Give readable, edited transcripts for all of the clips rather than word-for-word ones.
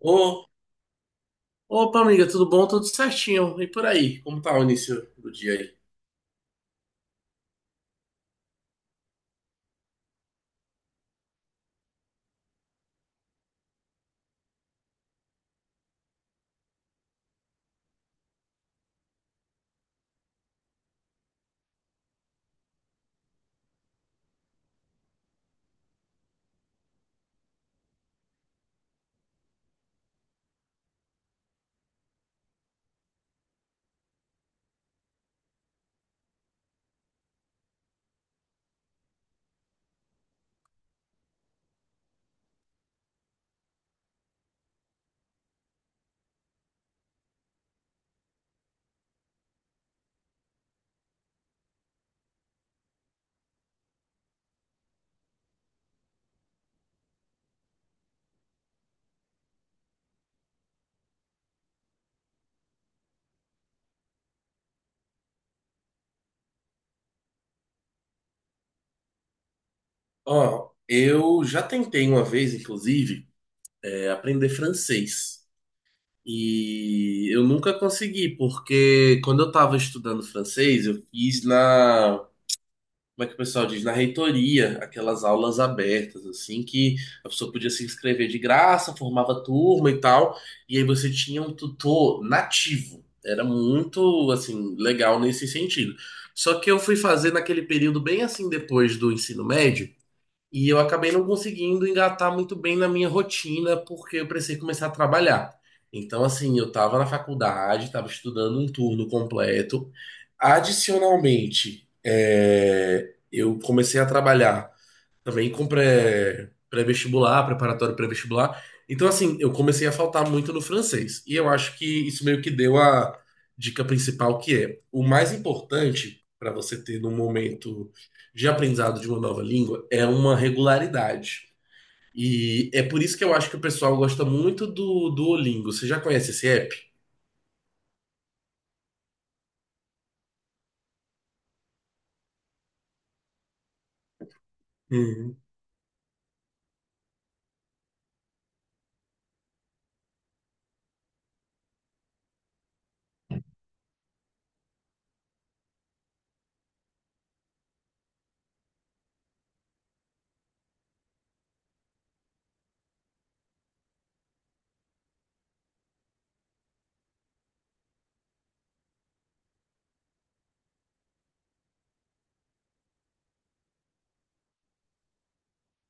Ô, opa, amiga, tudo bom? Tudo certinho. E por aí? Como tá o início do dia aí? Ó, eu já tentei uma vez, inclusive, aprender francês. E eu nunca consegui, porque quando eu tava estudando francês, eu fiz na, como é que o pessoal diz, na reitoria, aquelas aulas abertas, assim, que a pessoa podia se inscrever de graça, formava turma e tal, e aí você tinha um tutor nativo. Era muito, assim, legal nesse sentido. Só que eu fui fazer naquele período bem assim depois do ensino médio, e eu acabei não conseguindo engatar muito bem na minha rotina, porque eu precisei começar a trabalhar. Então, assim, eu estava na faculdade, estava estudando um turno completo. Adicionalmente, eu comecei a trabalhar também com pré-vestibular, preparatório pré-vestibular. Então, assim, eu comecei a faltar muito no francês. E eu acho que isso meio que deu a dica principal, que é o mais importante para você ter no momento de aprendizado de uma nova língua é uma regularidade. E é por isso que eu acho que o pessoal gosta muito do Duolingo. Você já conhece esse app?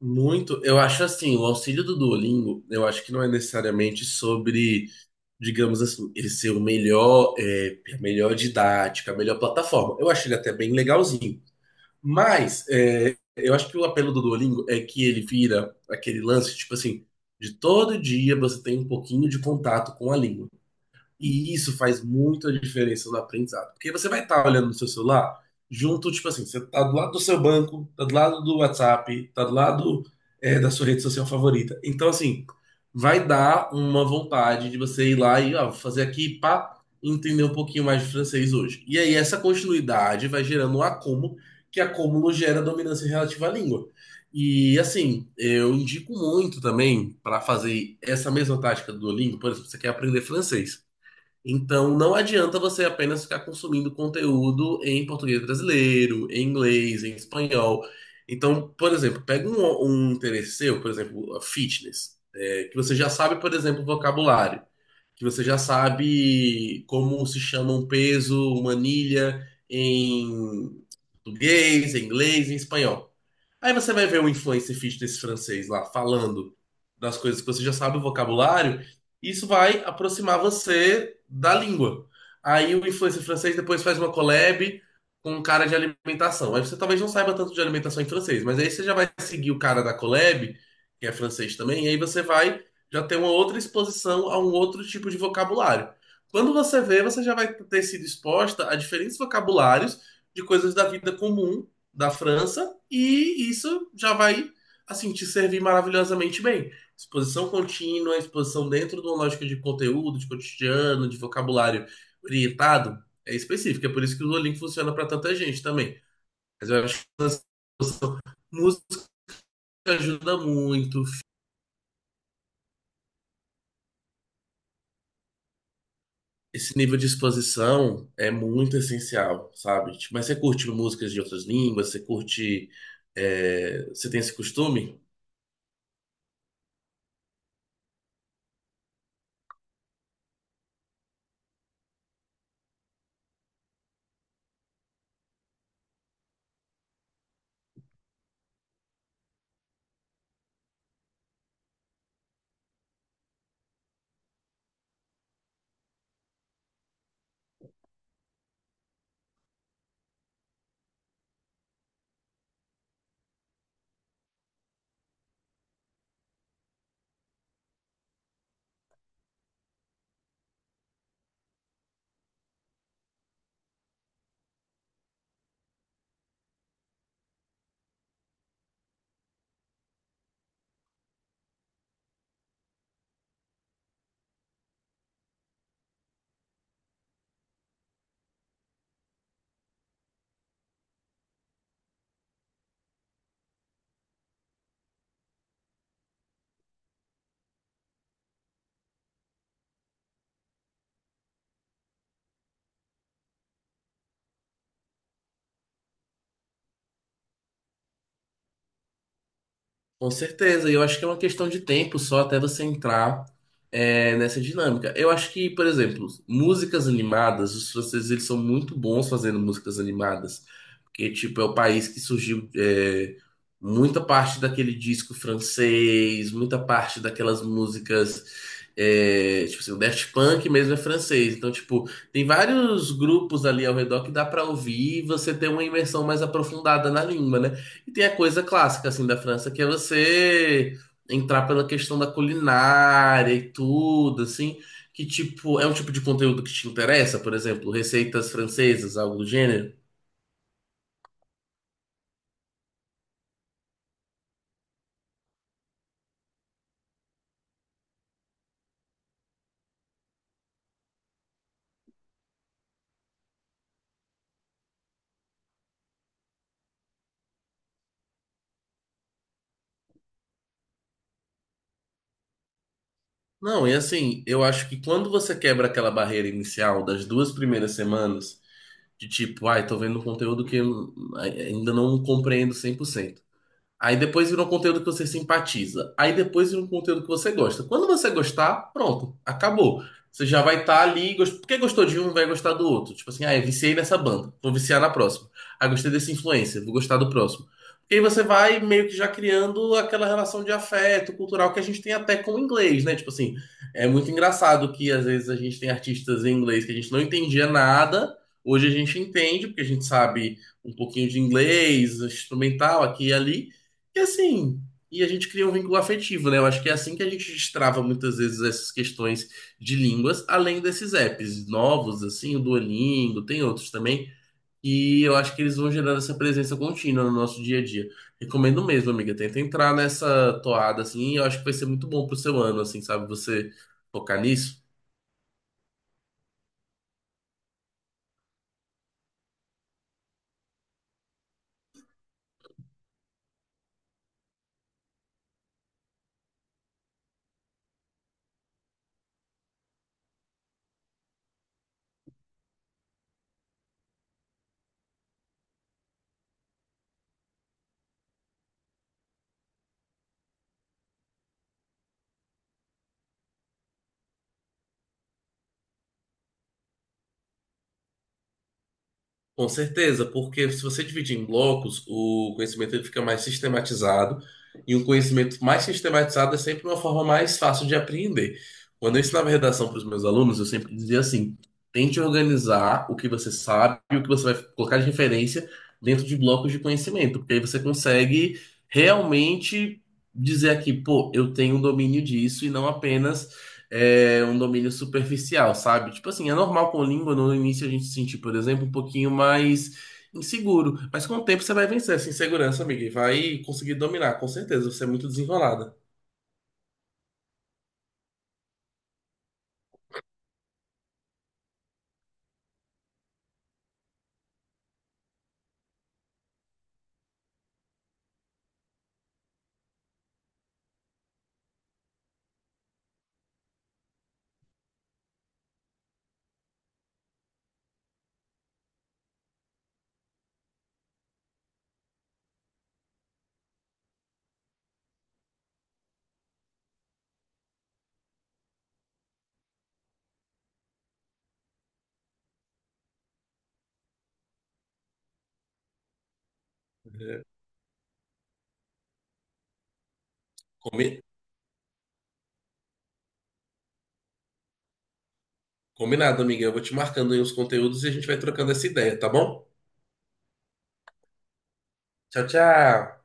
Muito, eu acho assim, o auxílio do Duolingo, eu acho que não é necessariamente sobre, digamos assim, ele ser o melhor, a melhor didática, a melhor plataforma. Eu acho ele até bem legalzinho. Mas eu acho que o apelo do Duolingo é que ele vira aquele lance, tipo assim, de todo dia você tem um pouquinho de contato com a língua. E isso faz muita diferença no aprendizado. Porque você vai estar olhando no seu celular, junto, tipo assim, você tá do lado do seu banco, tá do lado do WhatsApp, tá do lado, da sua rede social favorita. Então, assim, vai dar uma vontade de você ir lá e, ó, vou fazer aqui, pá, entender um pouquinho mais de francês hoje. E aí, essa continuidade vai gerando um acúmulo, que acúmulo gera dominância relativa à língua. E assim, eu indico muito também para fazer essa mesma tática do Duolingo. Por exemplo, você quer aprender francês. Então, não adianta você apenas ficar consumindo conteúdo em português brasileiro, em inglês, em espanhol. Então, por exemplo, pega um um interesse seu, por exemplo, a fitness, que você já sabe, por exemplo, o vocabulário, que você já sabe como se chama um peso, uma anilha em português, em inglês, em espanhol. Aí você vai ver um influencer fit desse francês lá falando das coisas que você já sabe, o vocabulário, e isso vai aproximar você da língua. Aí o influencer francês depois faz uma collab com um cara de alimentação. Aí você talvez não saiba tanto de alimentação em francês, mas aí você já vai seguir o cara da collab, que é francês também, e aí você vai já tem uma outra exposição a um outro tipo de vocabulário. Quando você vê, você já vai ter sido exposta a diferentes vocabulários de coisas da vida comum da França, e isso já vai, assim, te servir maravilhosamente bem. Exposição contínua, exposição dentro de uma lógica de conteúdo, de cotidiano, de vocabulário orientado, específica. É por isso que o Duolingo funciona para tanta gente também. Mas eu acho que essa música ajuda muito. Esse nível de exposição é muito essencial, sabe? Tipo, mas você curte músicas de outras línguas? Você curte. Você tem esse costume? Com certeza, e eu acho que é uma questão de tempo só até você entrar nessa dinâmica. Eu acho que, por exemplo, músicas animadas, os franceses eles são muito bons fazendo músicas animadas, porque tipo é o país que surgiu, muita parte daquele disco francês, muita parte daquelas músicas, tipo assim, o Daft Punk mesmo é francês, então tipo tem vários grupos ali ao redor que dá pra ouvir e você ter uma imersão mais aprofundada na língua, né? E tem a coisa clássica, assim, da França, que é você entrar pela questão da culinária e tudo, assim, que, tipo, é um tipo de conteúdo que te interessa, por exemplo, receitas francesas, algo do gênero. Não, e assim, eu acho que quando você quebra aquela barreira inicial das duas primeiras semanas, de tipo, ai, tô vendo um conteúdo que eu ainda não compreendo 100%. Aí depois vira um conteúdo que você simpatiza. Aí depois vira um conteúdo que você gosta. Quando você gostar, pronto, acabou. Você já vai estar ali. Porque gostou de um, vai gostar do outro. Tipo assim, ah, eu viciei nessa banda, vou viciar na próxima. Ah, gostei desse influencer, vou gostar do próximo. E aí você vai meio que já criando aquela relação de afeto cultural que a gente tem até com o inglês, né? Tipo assim, é muito engraçado que às vezes a gente tem artistas em inglês que a gente não entendia nada. Hoje a gente entende, porque a gente sabe um pouquinho de inglês, instrumental aqui e ali. E assim, e a gente cria um vínculo afetivo, né? Eu acho que é assim que a gente destrava muitas vezes essas questões de línguas, além desses apps novos, assim, o Duolingo, tem outros também. E eu acho que eles vão gerando essa presença contínua no nosso dia a dia. Recomendo mesmo, amiga. Tenta entrar nessa toada, assim, e eu acho que vai ser muito bom pro seu ano, assim, sabe? Você focar nisso. Com certeza, porque se você dividir em blocos, o conhecimento ele fica mais sistematizado, e um conhecimento mais sistematizado é sempre uma forma mais fácil de aprender. Quando eu ensinava redação para os meus alunos, eu sempre dizia assim: tente organizar o que você sabe e o que você vai colocar de referência dentro de blocos de conhecimento, porque aí você consegue realmente dizer aqui, pô, eu tenho um domínio disso e não apenas é um domínio superficial, sabe? Tipo assim, é normal com língua no início a gente se sentir, por exemplo, um pouquinho mais inseguro, mas com o tempo você vai vencer essa insegurança, amiga, e vai conseguir dominar, com certeza. Você é muito desenrolada. É, combi- combinado, amiga. Eu vou te marcando aí os conteúdos e a gente vai trocando essa ideia, tá bom? Tchau, tchau.